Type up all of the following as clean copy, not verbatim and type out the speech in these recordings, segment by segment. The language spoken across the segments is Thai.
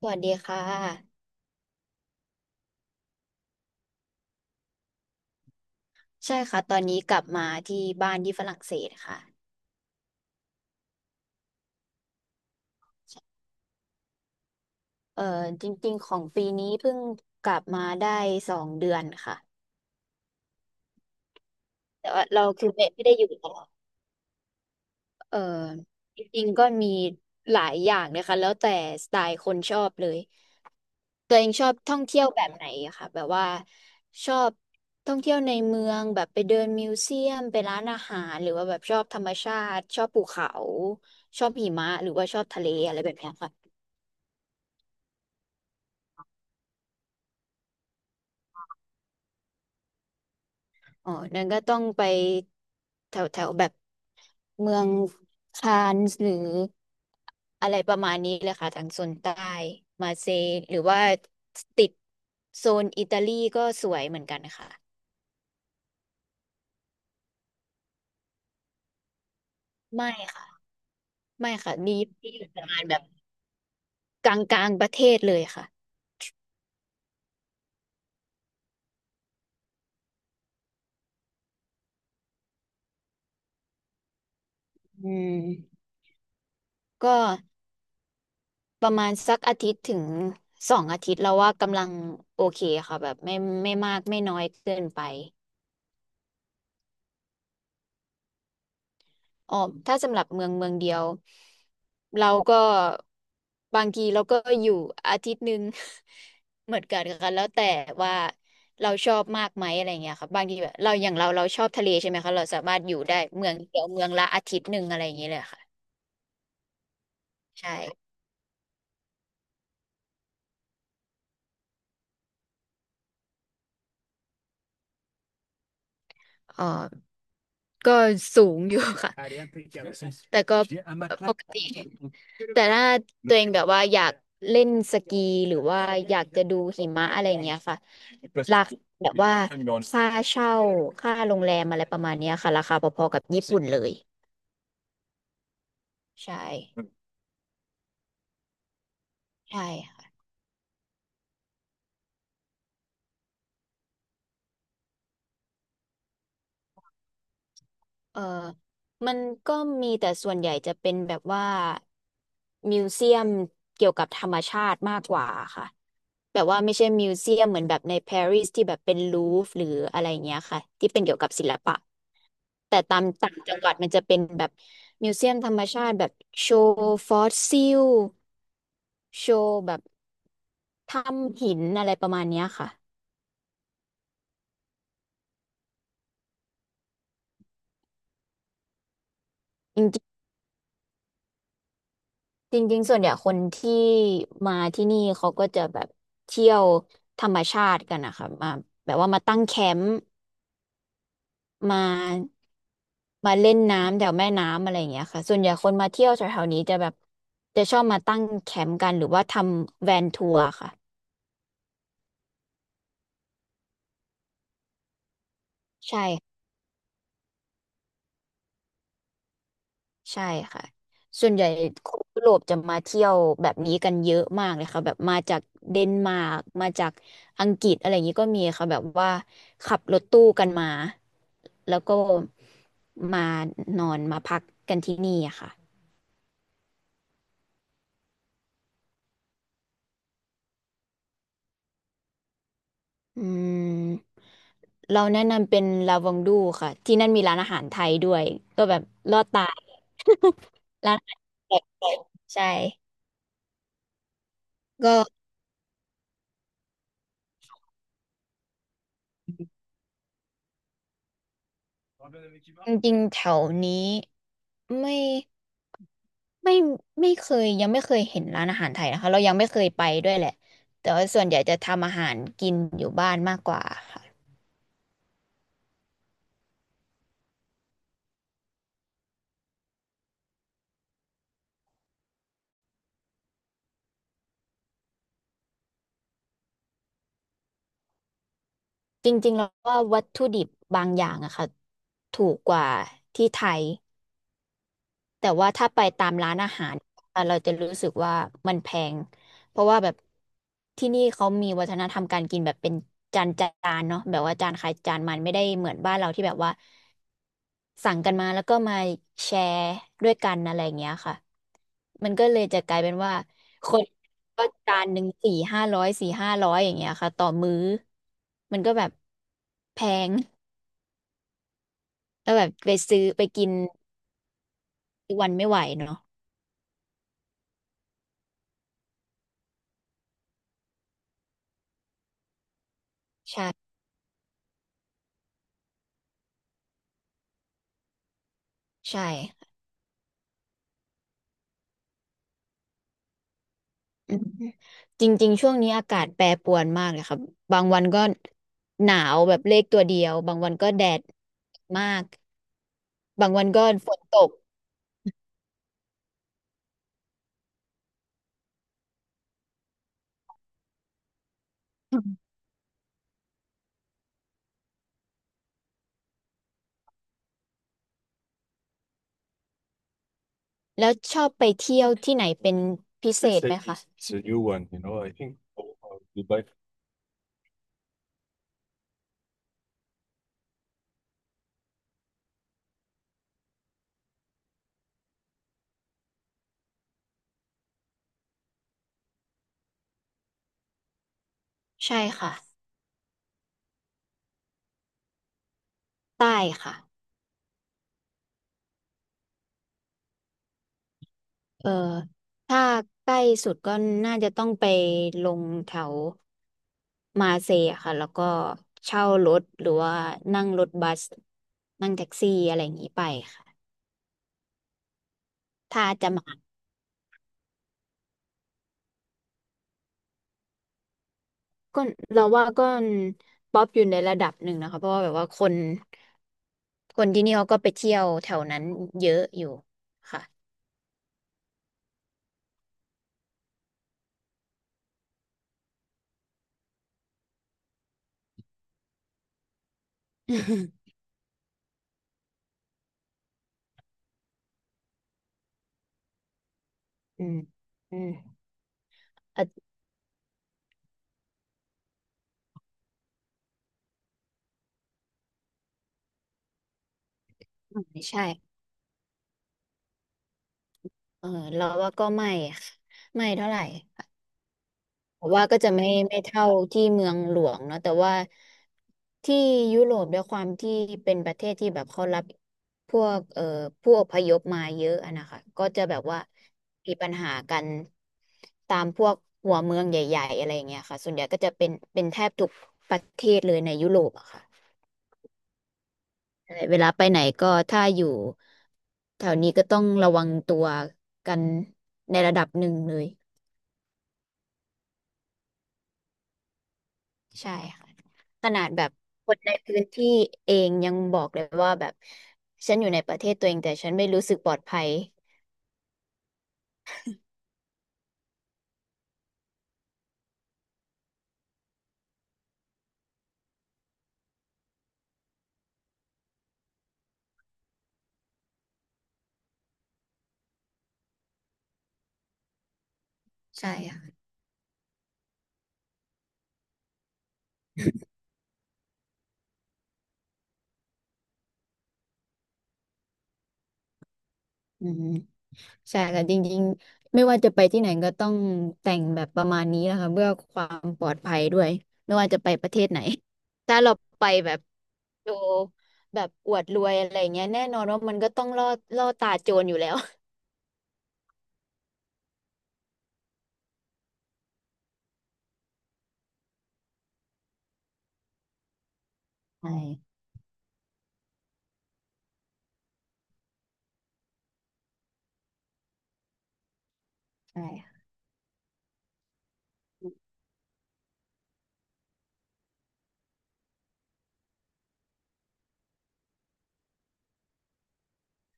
สวัสดีค่ะใช่ค่ะตอนนี้กลับมาที่บ้านที่ฝรั่งเศสค่ะเอ่อจริงๆของปีนี้เพิ่งกลับมาได้2 เดือนค่ะแต่ว่าเราคือไม่ได้อยู่ตลอดเอ่อจริงๆก็มีหลายอย่างนะคะแล้วแต่สไตล์คนชอบเลยตัวเองชอบท่องเที่ยวแบบไหนอะค่ะแบบว่าชอบท่องเที่ยวในเมืองแบบไปเดินมิวเซียมไปร้านอาหารหรือว่าแบบชอบธรรมชาติชอบภูเขาชอบหิมะหรือว่าชอบทะเลอะไรแบบเนี้ยค่ะ อ๋อนั่นก็ต้องไปแถวแถวแบบเมืองคานส์หรืออะไรประมาณนี้เลยค่ะทางโซนใต้มาเซย์หรือว่าติดโซนอิตาลีก็สวยเหมือนกันค่ะไม่ค่ะไม่ค่ะมีที่อยู่ประมาณแบบกลางกลางประเทศเลยค่ะอืมก็ประมาณสักอาทิตย์ถึง2 อาทิตย์แล้วว่ากำลังโอเคค่ะแบบไม่มากไม่น้อยเกินไป อ๋อถ้าสำหรับเมืองเมืองเดียวเราก็บางทีเราก็อยู่อาทิตย์หนึ่ง เหมือนกันค่ะแล้วแต่ว่าเราชอบมากไหมอะไรเงี้ยค่ะบางทีแบบเราอย่างเราเราชอบทะเลใช่ไหมคะเราสามารถอยู่ได้เมืองเดียวเมืองละอาทิตย์หนึ่งอะไรอย่างเงี้ยเลยค่ะใช่อ๋อ ก็สูงอยู่ค่ะ แต่ก็ปกติ แต่ถ้าตัวเองแบบว่าอยากเล่นสกีหรือว่าอยากจะดูหิมะอะไรอย่างเงี้ยค่ะราคาแบบว่าค่าเช่าค่าโรงแรมอะไรประมาณเนี้ยค่ะราคาพอๆกับญี่ปุ่นเลย ใช่ ใช่ เออมันก็มีแต่ส่วนใหญ่จะเป็นแบบว่ามิวเซียมเกี่ยวกับธรรมชาติมากกว่าค่ะแบบว่าไม่ใช่มิวเซียมเหมือนแบบในปารีสที่แบบเป็นลูฟหรืออะไรเงี้ยค่ะที่เป็นเกี่ยวกับศิลปะแต่ตามต่างจังหวัดมันจะเป็นแบบมิวเซียมธรรมชาติแบบโชว์ฟอสซิลโชว์แบบถ้ำหินอะไรประมาณเนี้ยค่ะจ จริงๆส่วนใหญ่คนที่มาที่นี่เขาก็จะแบบเที่ยวธรรมชาติกันนะคะมาแบบว่ามาตั้งแคมป์มามาเล่นน้ำแถวแม่น้ำอะไรอย่างเงี้ยค่ะส่วนใหญ่คนมาเที่ยวแถวๆนี้จะแบบจะชอบมาตั้งแคมป์กันหรือว่าทำแวนทัวร์ค่ะใช่ ใช่ค่ะ ส่วนใหญ่คนยุโรปจะมาเที่ยวแบบนี้กันเยอะมากเลยค่ะแบบมาจากเดนมาร์กมาจากอังกฤษอะไรอย่างนี้ก็มีค่ะแบบว่าขับรถตู้กันมาแล้วก็มานอนมาพักกันที่นี่อะค่ะอืมเราแนะนำเป็นลาวองดูค่ะที่นั่นมีร้านอาหารไทยด้วยก็แบบลอดตาร้านอาหารแปลกๆใช่ก็จริงๆแถวนี้ไม่ ไม่ไม่เคยยังไม่เคยเห็นร้านอาหารไทยนะคะเรายังไม่เคยไปด้วยแหละแต่ว่าส่วนใหญ่จะทำอาหารกินอยู่บ้านมากกว่าค่ะจริงๆแล้วว่าวัตถุดิบบางอย่างอะค่ะถูกกว่าที่ไทยแต่ว่าถ้าไปตามร้านอาหารอะเราจะรู้สึกว่ามันแพงเพราะว่าแบบที่นี่เขามีวัฒนธรรมการกินแบบเป็นจานจานเนาะแบบว่าจานใครจานมันไม่ได้เหมือนบ้านเราที่แบบว่า สั่งกันมาแล้วก็มาแชร์ด้วยกันอะไรอย่างเงี้ยค่ะมันก็เลยจะกลายเป็นว่าคนก็จานหนึ่ง400-500 400-500อย่างเงี้ยค่ะต่อมื้อมันก็แบบแพงแล้วแบบไปซื้อไปกินทุกวันไม่ไหวเนาะใช่ใช่อืมจริงๆช่วงนี้อากาศแปรปรวนมากเลยครับบางวันก็หนาวแบบเลขตัวเดียวบางวันก็แดดมากบางวันก็ฝนตก แล้วชอบไปเที่ยวที่ไหนเป็นพิเศพิษเศไหมษคะใช่ค่ะใต้ค่ะเออถ้าใกล้สุดก็น่าจะต้องไปลงแถวมาเซย์ค่ะแล้วก็เช่ารถหรือว่านั่งรถบัสนั่งแท็กซี่อะไรอย่างนี้ไปค่ะถ้าจะมาก็เราว่าก็ป๊อปอยู่ในระดับหนึ่งนะคะเพราะว่าแบบว่าคนที่นี่เขาก็ไปเที่ยวแถวนั้นเยอะอยู่ค่ะ อืมอืมอืม ใช่เออเราว่าก็ไม่ค่ะไม่เท่าไหร่แต่ว่าก็จะไม่เท่าที่เมืองหลวงเนาะแต่ว่าที่ยุโรปด้วยความที่เป็นประเทศที่แบบเขารับพวกผู้อพยพมาเยอะอะนะคะก็จะแบบว่ามีปัญหากันตามพวกหัวเมืองใหญ่ๆอะไรอย่างเงี้ยค่ะส่วนใหญ่ก็จะเป็นแทบทุกประเทศเลยในยุโรปอะค่ะ เวลาไปไหนก็ถ้าอยู่แถวนี้ก็ต้องระวังตัวกันในระดับหนึ่งเลยใช่ค่ะขนาดแบบคนในพื้นที่เองยังบอกเลยว่าแบบฉันอยู่ในประเทศตัวเองแต่ฉันไม่รู้สึกปลอดภัยใช่ค่ะอืมใช่ค่ะจริงๆไม่ว่าจะไปที่ไหนก็ต้องแต่งแบบประมาณนี้นะคะเพื่อความปลอดภัยด้วยไม่ว่าจะไปประเทศไหนถ้าเราไปแบบ โชว์แบบอวดรวยอะไรเงี้ยแน่นอนว่ามันก็ต้องล่อตาโจรอยู่แล้วใช่ใช่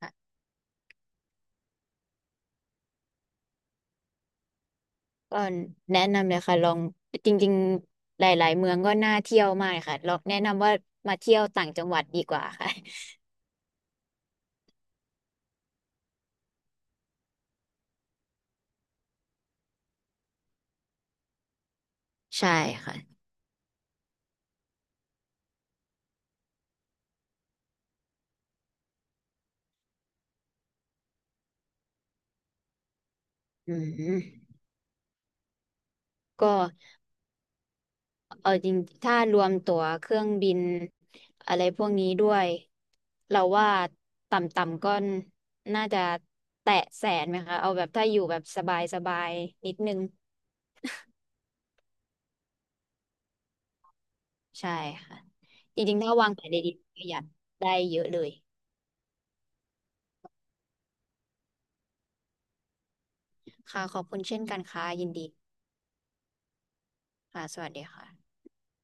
ค่ะก็แนะนำเลยค่ะลองจริงๆหลายๆเมืองก็น่าเที่ยวมากค่ะลองแนะนำว่ามาเที่ยวต่างจังหวัดดีกว่าค่ะใช่ค่ะอืมก็เอาจริงถ้ารวมตั๋วเครื่องบินอะไรพวกนี้ด้วยเราว่าต่ำๆก็น่าจะแตะ100,000ไหมคะเอาแบบถ้าอยู่แบบสบายๆนิดนึง ใช่ค่ะจริงๆถ้าวางแผนได้ดีประหยัดได้เยอะเลยค่ะขอบคุณเช่นกันค่ะยินดีค่ะสวัสดีค่ะ